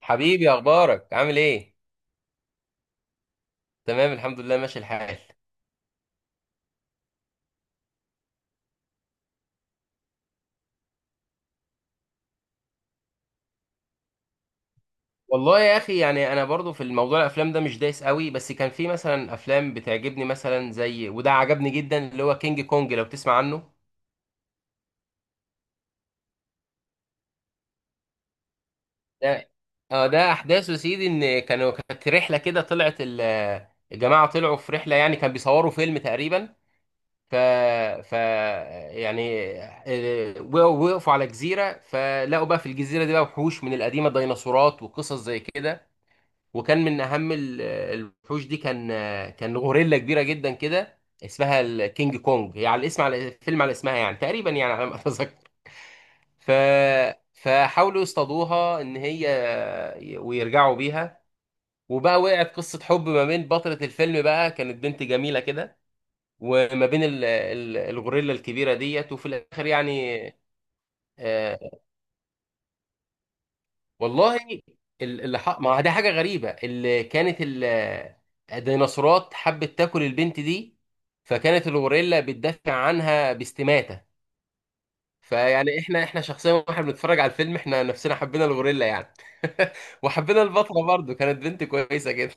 حبيبي، اخبارك؟ عامل ايه؟ تمام، الحمد لله، ماشي الحال. والله يا اخي، يعني انا برضو في الموضوع الافلام ده مش دايس قوي، بس كان في مثلا افلام بتعجبني، مثلا زي وده عجبني جدا اللي هو كينج كونج، لو تسمع عنه. ده اه، ده احداثه يا سيدي، ان كانوا كانت رحله كده، طلعت الجماعه طلعوا في رحله، يعني كان بيصوروا فيلم تقريبا. ف ف يعني وقفوا على جزيره، فلقوا بقى في الجزيره دي بقى وحوش من القديمه، ديناصورات وقصص زي كده. وكان من اهم الوحوش دي كان غوريلا كبيره جدا كده، اسمها الكينج كونج، هي على الاسم على فيلم على اسمها يعني تقريبا، يعني على ما اتذكر. ف فحاولوا يصطادوها ان هي ويرجعوا بيها. وبقى وقعت قصه حب ما بين بطله الفيلم بقى، كانت بنت جميله كده، وما بين الغوريلا الكبيره ديت. وفي الاخر يعني آه، والله ما دي حاجة غريبة. اللي كانت الديناصورات حبت تاكل البنت دي، فكانت الغوريلا بتدافع عنها باستماتة. فيعني احنا شخصيا واحنا بنتفرج على الفيلم، احنا نفسنا حبينا الغوريلا يعني. وحبينا البطلة، برضو كانت بنت كويسة كده.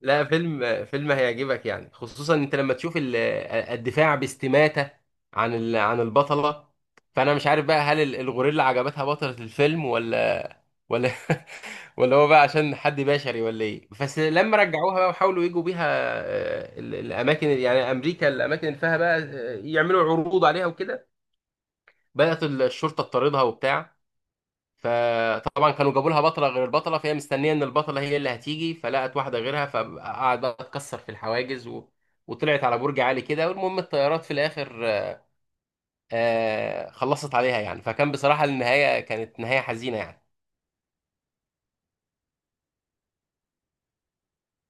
لا، فيلم فيلم هيعجبك يعني، خصوصا انت لما تشوف الدفاع باستماتة عن عن البطلة. فانا مش عارف بقى، هل الغوريلا عجبتها بطلة الفيلم، ولا ولا ولا هو بقى عشان حد بشري، ولا ايه؟ بس لما رجعوها بقى وحاولوا يجوا بيها الاماكن، يعني امريكا، الاماكن اللي فيها بقى يعملوا عروض عليها وكده، بدأت الشرطة تطاردها وبتاع. فطبعا كانوا جابوا لها بطله غير البطله، فهي مستنيه ان البطله هي اللي هتيجي، فلقت واحده غيرها، فقعد بقى تكسر في الحواجز وطلعت على برج عالي كده. والمهم الطيارات في الاخر آه خلصت عليها يعني. فكان بصراحه النهايه كانت نهايه حزينه يعني.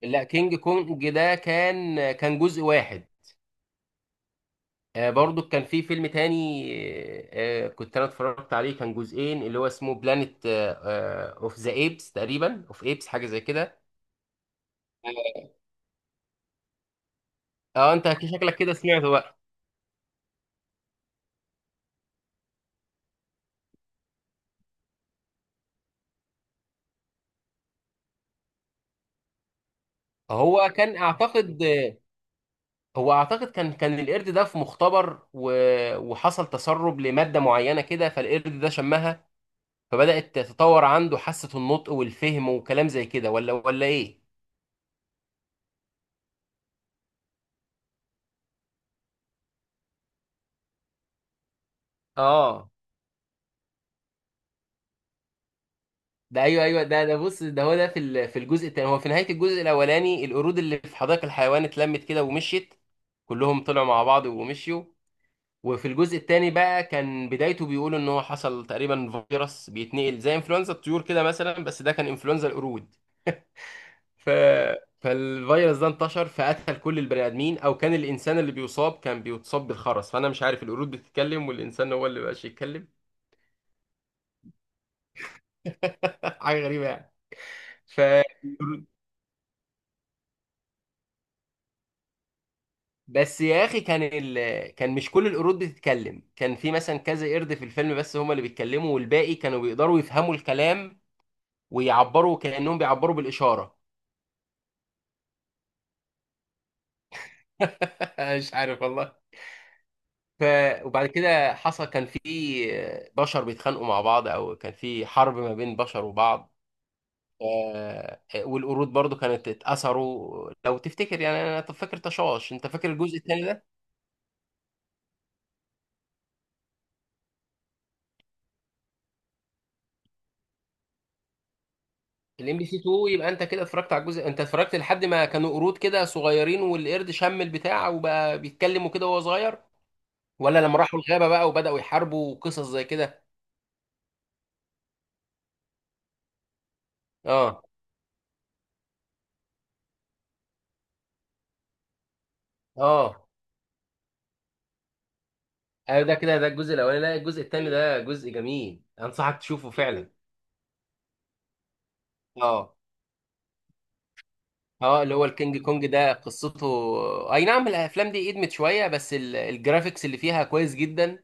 لا، كينج كونج ده كان جزء واحد. آه، برضو كان في فيلم تاني، آه، كنت انا اتفرجت عليه، كان جزئين، اللي هو اسمه بلانيت اوف ذا ايبس تقريبا، اوف ايبس، حاجه زي كده. اه انت شكلك كده سمعته بقى. هو كان اعتقد هو اعتقد كان القرد ده في مختبر وحصل تسرب لماده معينه كده، فالقرد ده شمها، فبدات تتطور عنده حاسه النطق والفهم وكلام زي كده، ولا ايه؟ اه ده، ايوه ده ده بص ده هو ده في في الجزء الثاني. هو في نهايه الجزء الاولاني القرود اللي في حدائق الحيوان اتلمت كده ومشيت، كلهم طلعوا مع بعض ومشيوا. وفي الجزء الثاني بقى، كان بدايته بيقول ان هو حصل تقريبا فيروس بيتنقل زي انفلونزا الطيور كده مثلا، بس ده كان انفلونزا القرود. ف... فالفيروس ده انتشر، فقتل كل البني ادمين، او كان الانسان اللي بيصاب كان بيتصاب بالخرس. فانا مش عارف، القرود بتتكلم والانسان هو اللي مبقاش يتكلم. حاجه غريبه يعني. ف بس يا اخي، كان كان مش كل القرود بتتكلم، كان في مثلا كذا قرد في الفيلم بس هما اللي بيتكلموا، والباقي كانوا بيقدروا يفهموا الكلام، ويعبروا، كانهم بيعبروا بالاشاره. مش عارف والله. ف... وبعد كده حصل، كان في بشر بيتخانقوا مع بعض، او كان في حرب ما بين بشر وبعض. آه، والقرود برضو كانت اتأثروا، لو تفتكر يعني. انا طب فاكر تشاش، انت فاكر الجزء الثاني ده؟ الام بي سي 2، يبقى انت كده اتفرجت على الجزء، انت اتفرجت لحد ما كانوا قرود كده صغيرين، والقرد شم البتاع وبقى بيتكلموا كده وهو صغير؟ ولا لما راحوا الغابة بقى وبدأوا يحاربوا وقصص زي كده؟ اه اه ايوه ده كده، ده الجزء الاولاني. لا، الجزء الثاني ده جزء جميل، انصحك تشوفه فعلا. اه، اه، اللي هو الكينج كونج ده قصته. اي نعم، الافلام دي ادمت شويه، بس الجرافيكس اللي فيها كويس جدا،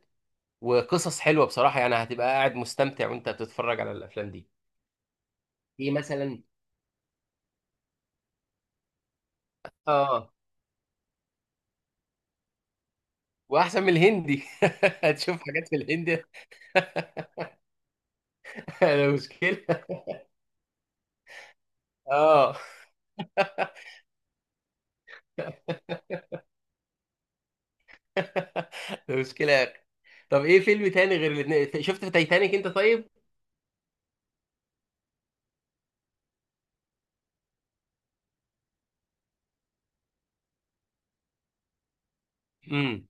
وقصص حلوه بصراحه، يعني هتبقى قاعد مستمتع وانت بتتفرج على الافلام دي. ايه مثلا؟ اه، واحسن من الهندي. هتشوف حاجات في الهندي. ده مشكله. اه. ده مشكله يا اخي. طب ايه فيلم تاني غير الاثنين، شفت في تايتانيك انت طيب؟ امم.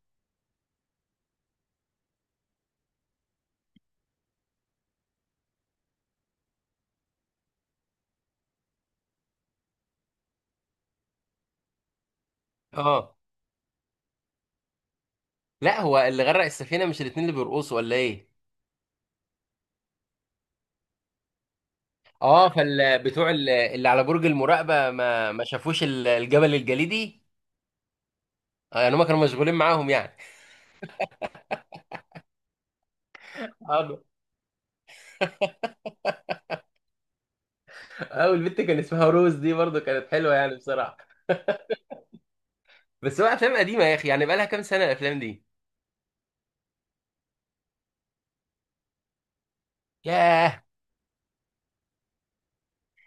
اه، لا هو اللي غرق السفينه مش الاثنين اللي بيرقصوا، ولا ايه؟ اه فال بتوع اللي على برج المراقبه ما شافوش الجبل الجليدي. يعني هم كانوا مشغولين معاهم يعني. اه، والبت كان اسمها روز دي برضه كانت حلوه يعني بصراحه. بس هو افلام قديمه يا اخي، يعني بقالها كام سنه الافلام دي. ياه.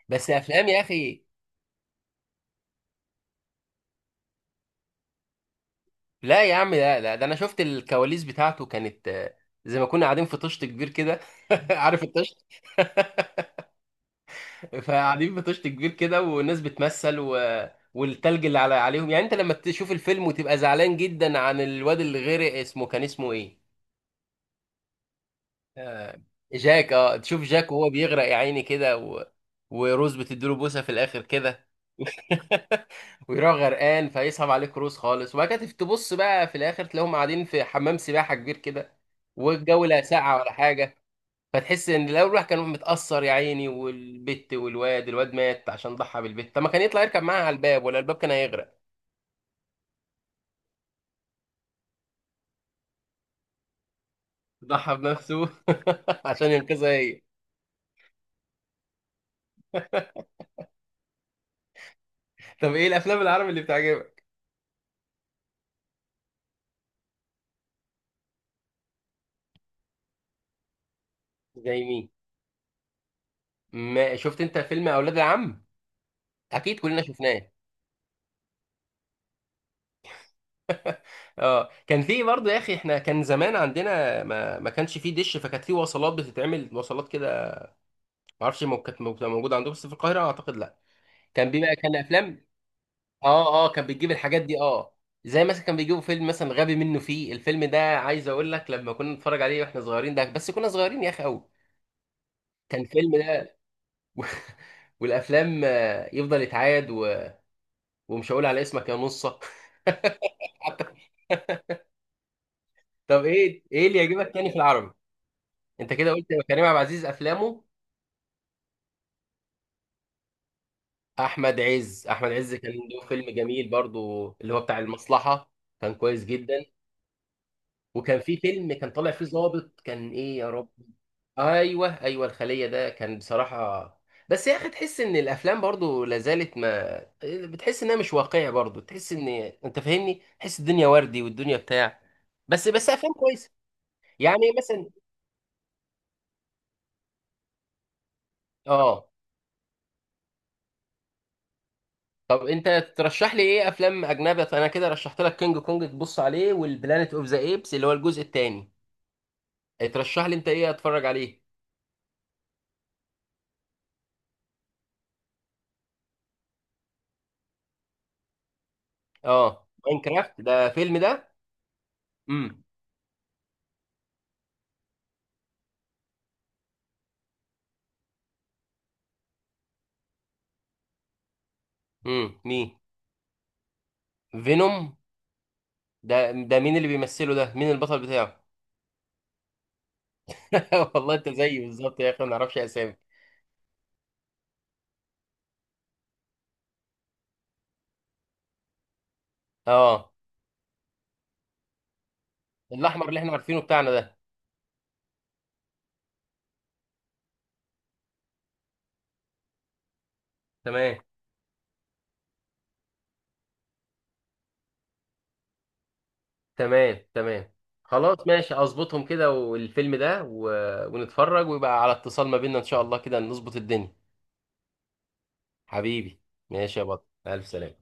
بس افلام يا اخي. لا يا عم، لا، لا، ده انا شفت الكواليس بتاعته، كانت زي ما كنا قاعدين في طشت كبير كده. عارف الطشت؟ فقاعدين في طشت كبير كده، والناس بتمثل والتلج اللي على عليهم. يعني انت لما تشوف الفيلم وتبقى زعلان جدا عن الواد اللي غرق، اسمه كان اسمه ايه؟ آه، جاك. اه تشوف جاك وهو بيغرق يا عيني كده وروز بتديله بوسه في الاخر كده. ويروح غرقان، فيصعب عليك روز خالص، وبعد كده تبص بقى في الاخر تلاقيهم قاعدين في حمام سباحه كبير كده، والجو لا ساقعه ولا حاجه. فتحس ان لو الواحد كان متاثر يا عيني، والبت والواد، مات عشان ضحى بالبت، طب ما كان يطلع يركب معاها على الباب، ولا الباب كان هيغرق؟ ضحى بنفسه. عشان ينقذها هي. طب ايه الافلام العربي اللي بتعجبك؟ زي مين؟ ما شفت انت فيلم اولاد العم؟ اكيد كلنا شفناه. اه، كان في برضه يا اخي، احنا كان زمان عندنا ما كانش فيه دش، فكانت فيه وصلات بتتعمل، وصلات كده. ما اعرفش موجوده عندكم، بس في القاهره اعتقد لا. كان بيبقى كان افلام. اه، اه، كان بتجيب الحاجات دي اه. زي مثلا كان بيجيبوا فيلم مثلا غبي منه، فيه الفيلم ده عايز اقول لك لما كنا نتفرج عليه واحنا صغيرين ده، بس كنا صغيرين يا اخي قوي كان الفيلم ده. والافلام يفضل يتعاد ومش هقول على اسمك يا نصه. طب ايه اللي يعجبك تاني في العربي؟ انت كده قلت كريم عبد العزيز افلامه. احمد عز كان له فيلم جميل برضو، اللي هو بتاع المصلحة. كان كويس جدا. وكان في فيلم كان طالع فيه ضابط، كان ايه يا رب؟ ايوه الخلية ده كان بصراحة. بس يا اخي تحس ان الافلام برضو لازالت ما بتحس انها مش واقعية برضو، تحس ان انت فاهمني، تحس الدنيا وردي والدنيا بتاع. بس افلام كويسة. يعني مثلا؟ اه. طب انت ترشح لي ايه افلام اجنبي؟ انا كده رشحت لك كينج كونج تبص عليه، والبلانيت اوف ذا ايبس اللي هو الجزء الثاني. ترشح لي انت ايه اتفرج عليه؟ اه ماينكرافت ده فيلم ده؟ امم. مين؟ فينوم؟ ده مين اللي بيمثله؟ ده مين البطل بتاعه؟ والله انت زيي بالظبط يا اخي، ما نعرفش اسامي. اه. الاحمر اللي احنا عارفينه بتاعنا ده. تمام، تمام، تمام، خلاص ماشي، اظبطهم كده والفيلم ده ونتفرج، ويبقى على اتصال ما بيننا ان شاء الله، كده نظبط الدنيا. حبيبي. ماشي يا بطل، ألف سلامة.